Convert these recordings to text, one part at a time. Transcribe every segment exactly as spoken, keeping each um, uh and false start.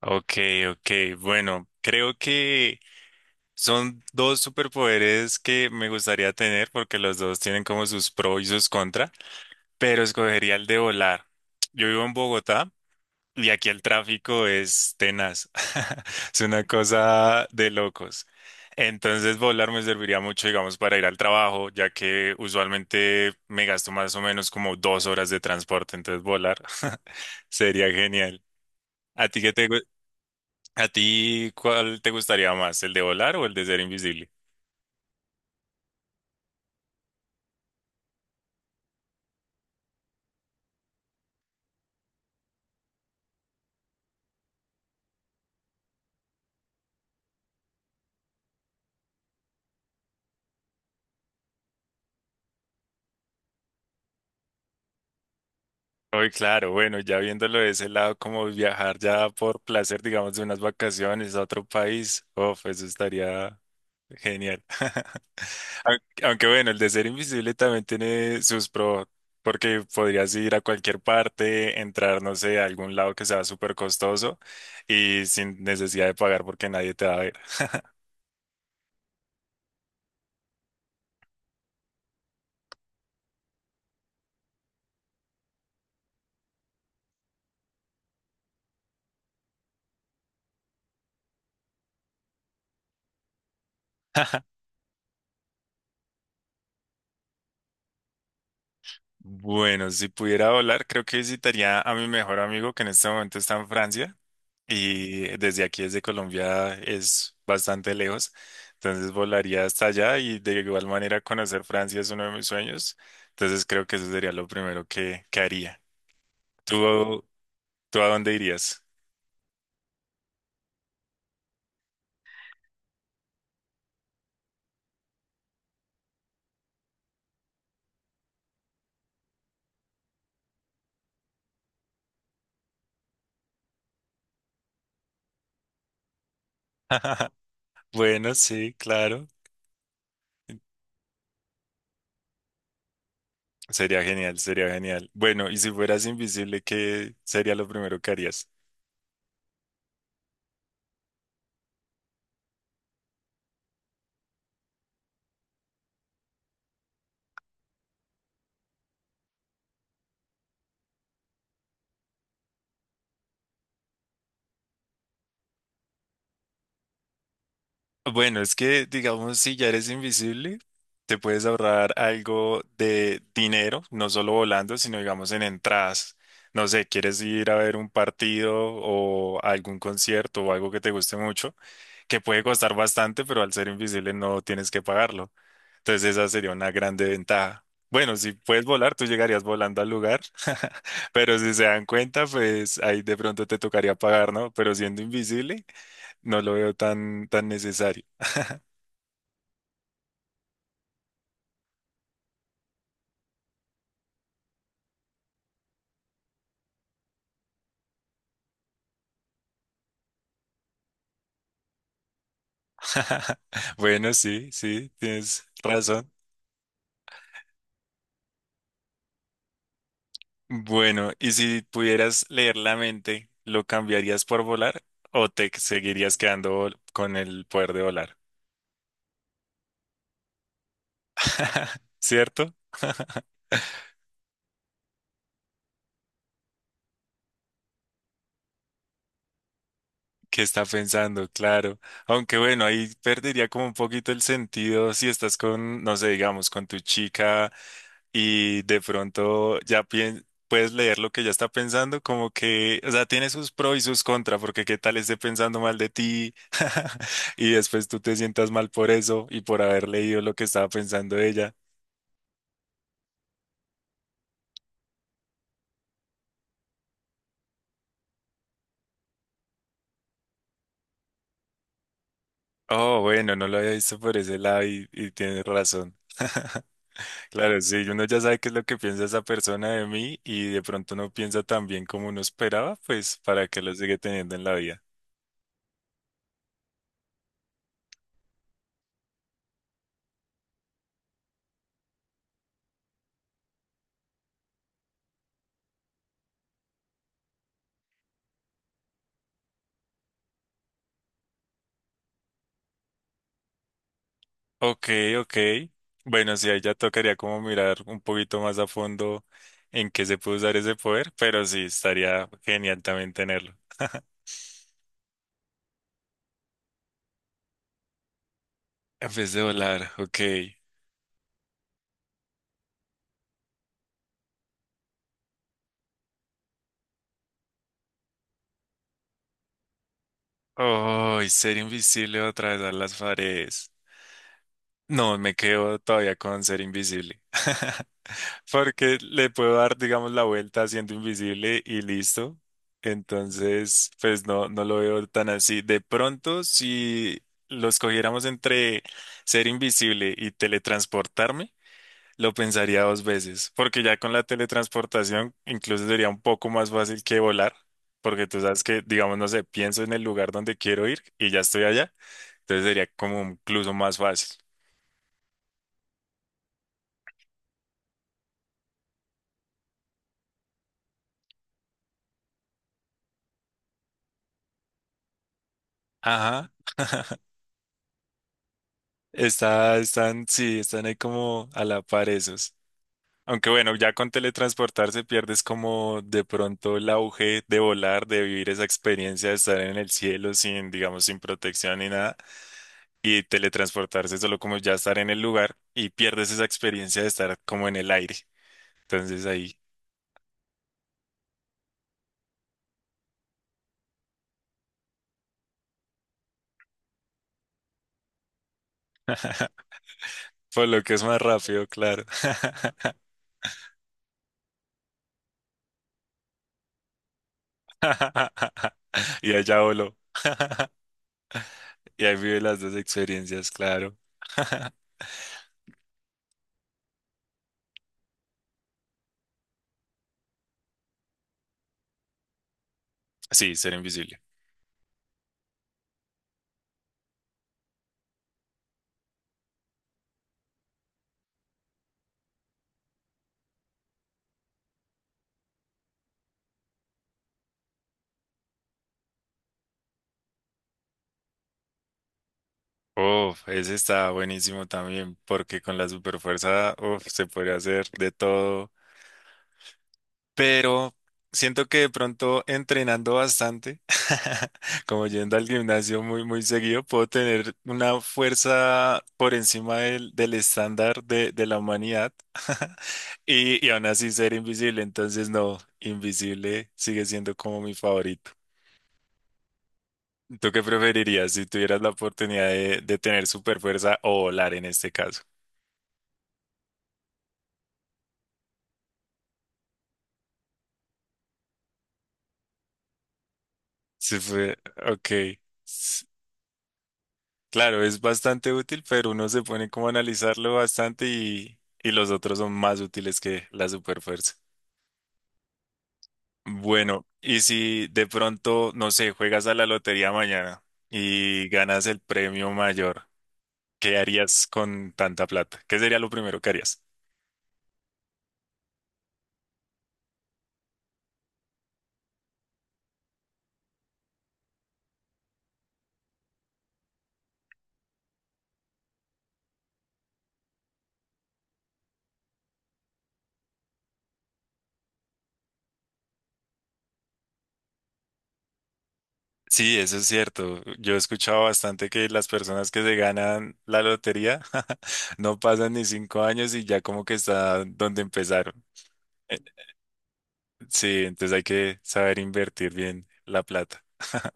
Ok, ok. Bueno, creo que son dos superpoderes que me gustaría tener porque los dos tienen como sus pros y sus contras, pero escogería el de volar. Yo vivo en Bogotá y aquí el tráfico es tenaz. Es una cosa de locos. Entonces volar me serviría mucho, digamos, para ir al trabajo, ya que usualmente me gasto más o menos como dos horas de transporte, entonces volar sería genial. ¿A ti qué te, ¿A ti cuál te gustaría más, el de volar o el de ser invisible? Hoy, claro, bueno, ya viéndolo de ese lado, como viajar ya por placer, digamos, de unas vacaciones a otro país, uf, eso estaría genial. Aunque aunque bueno, el de ser invisible también tiene sus pros, porque podrías ir a cualquier parte, entrar, no sé, a algún lado que sea súper costoso y sin necesidad de pagar porque nadie te va a ver. Bueno, si pudiera volar, creo que visitaría a mi mejor amigo que en este momento está en Francia y desde aquí, desde Colombia, es bastante lejos. Entonces volaría hasta allá y de igual manera conocer Francia es uno de mis sueños. Entonces creo que eso sería lo primero que, que haría. ¿Tú, tú a dónde irías? Bueno, sí, claro. Sería genial, sería genial. Bueno, y si fueras invisible, ¿qué sería lo primero que harías? Bueno, es que, digamos, si ya eres invisible, te puedes ahorrar algo de dinero, no solo volando, sino, digamos, en entradas. No sé, quieres ir a ver un partido o algún concierto o algo que te guste mucho, que puede costar bastante, pero al ser invisible no tienes que pagarlo. Entonces, esa sería una grande ventaja. Bueno, si puedes volar, tú llegarías volando al lugar, pero si se dan cuenta, pues ahí de pronto te tocaría pagar, ¿no? Pero siendo invisible, no lo veo tan, tan necesario. Bueno, sí, sí, tienes razón. Bueno, ¿y si pudieras leer la mente, lo cambiarías por volar o te seguirías quedando vol- con el poder de volar? ¿Cierto? ¿Qué está pensando? Claro. Aunque bueno, ahí perdería como un poquito el sentido si estás con, no sé, digamos, con tu chica y de pronto ya pien- puedes leer lo que ella está pensando, como que, o sea, tiene sus pros y sus contras, porque qué tal esté pensando mal de ti y después tú te sientas mal por eso y por haber leído lo que estaba pensando ella. Oh, bueno, no lo había visto por ese lado y, y tienes razón. Claro, sí, uno ya sabe qué es lo que piensa esa persona de mí y de pronto no piensa tan bien como uno esperaba, pues para que lo sigue teniendo en la vida. Ok, ok. Bueno, sí, ahí ya tocaría como mirar un poquito más a fondo en qué se puede usar ese poder, pero sí, estaría genial también tenerlo. En vez de volar, ok. Oh, y ser invisible o atravesar las paredes. No, me quedo todavía con ser invisible. Porque le puedo dar, digamos, la vuelta siendo invisible y listo. Entonces, pues no, no lo veo tan así. De pronto, si los cogiéramos entre ser invisible y teletransportarme, lo pensaría dos veces. Porque ya con la teletransportación, incluso sería un poco más fácil que volar. Porque tú sabes que, digamos, no sé, pienso en el lugar donde quiero ir y ya estoy allá. Entonces sería como incluso más fácil. Ajá. Está, están, sí, están ahí como a la par esos. Aunque bueno, ya con teletransportarse pierdes como de pronto el auge de volar, de vivir esa experiencia de estar en el cielo sin, digamos, sin protección ni nada. Y teletransportarse solo como ya estar en el lugar y pierdes esa experiencia de estar como en el aire. Entonces ahí, por lo que es más rápido, claro. Y allá voló. Y ahí vive las dos experiencias, claro. Sí, ser invisible. Uf, ese está buenísimo también, porque con la superfuerza, uf, se podría hacer de todo. Pero siento que de pronto entrenando bastante, como yendo al gimnasio muy, muy seguido, puedo tener una fuerza por encima del, del estándar de, de la humanidad y, y aún así ser invisible. Entonces, no, invisible sigue siendo como mi favorito. ¿Tú qué preferirías si tuvieras la oportunidad de, de tener superfuerza o volar en este caso? Se fue, ok. S- Claro, es bastante útil, pero uno se pone como a analizarlo bastante y, y los otros son más útiles que la superfuerza. Bueno, y si de pronto, no sé, juegas a la lotería mañana y ganas el premio mayor, ¿qué harías con tanta plata? ¿Qué sería lo primero que harías? Sí, eso es cierto. Yo he escuchado bastante que las personas que se ganan la lotería no pasan ni cinco años y ya como que están donde empezaron. Sí, entonces hay que saber invertir bien la plata.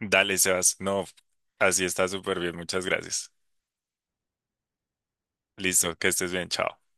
Dale, Sebas. No, así está súper bien. Muchas gracias. Listo, que estés bien. Chao.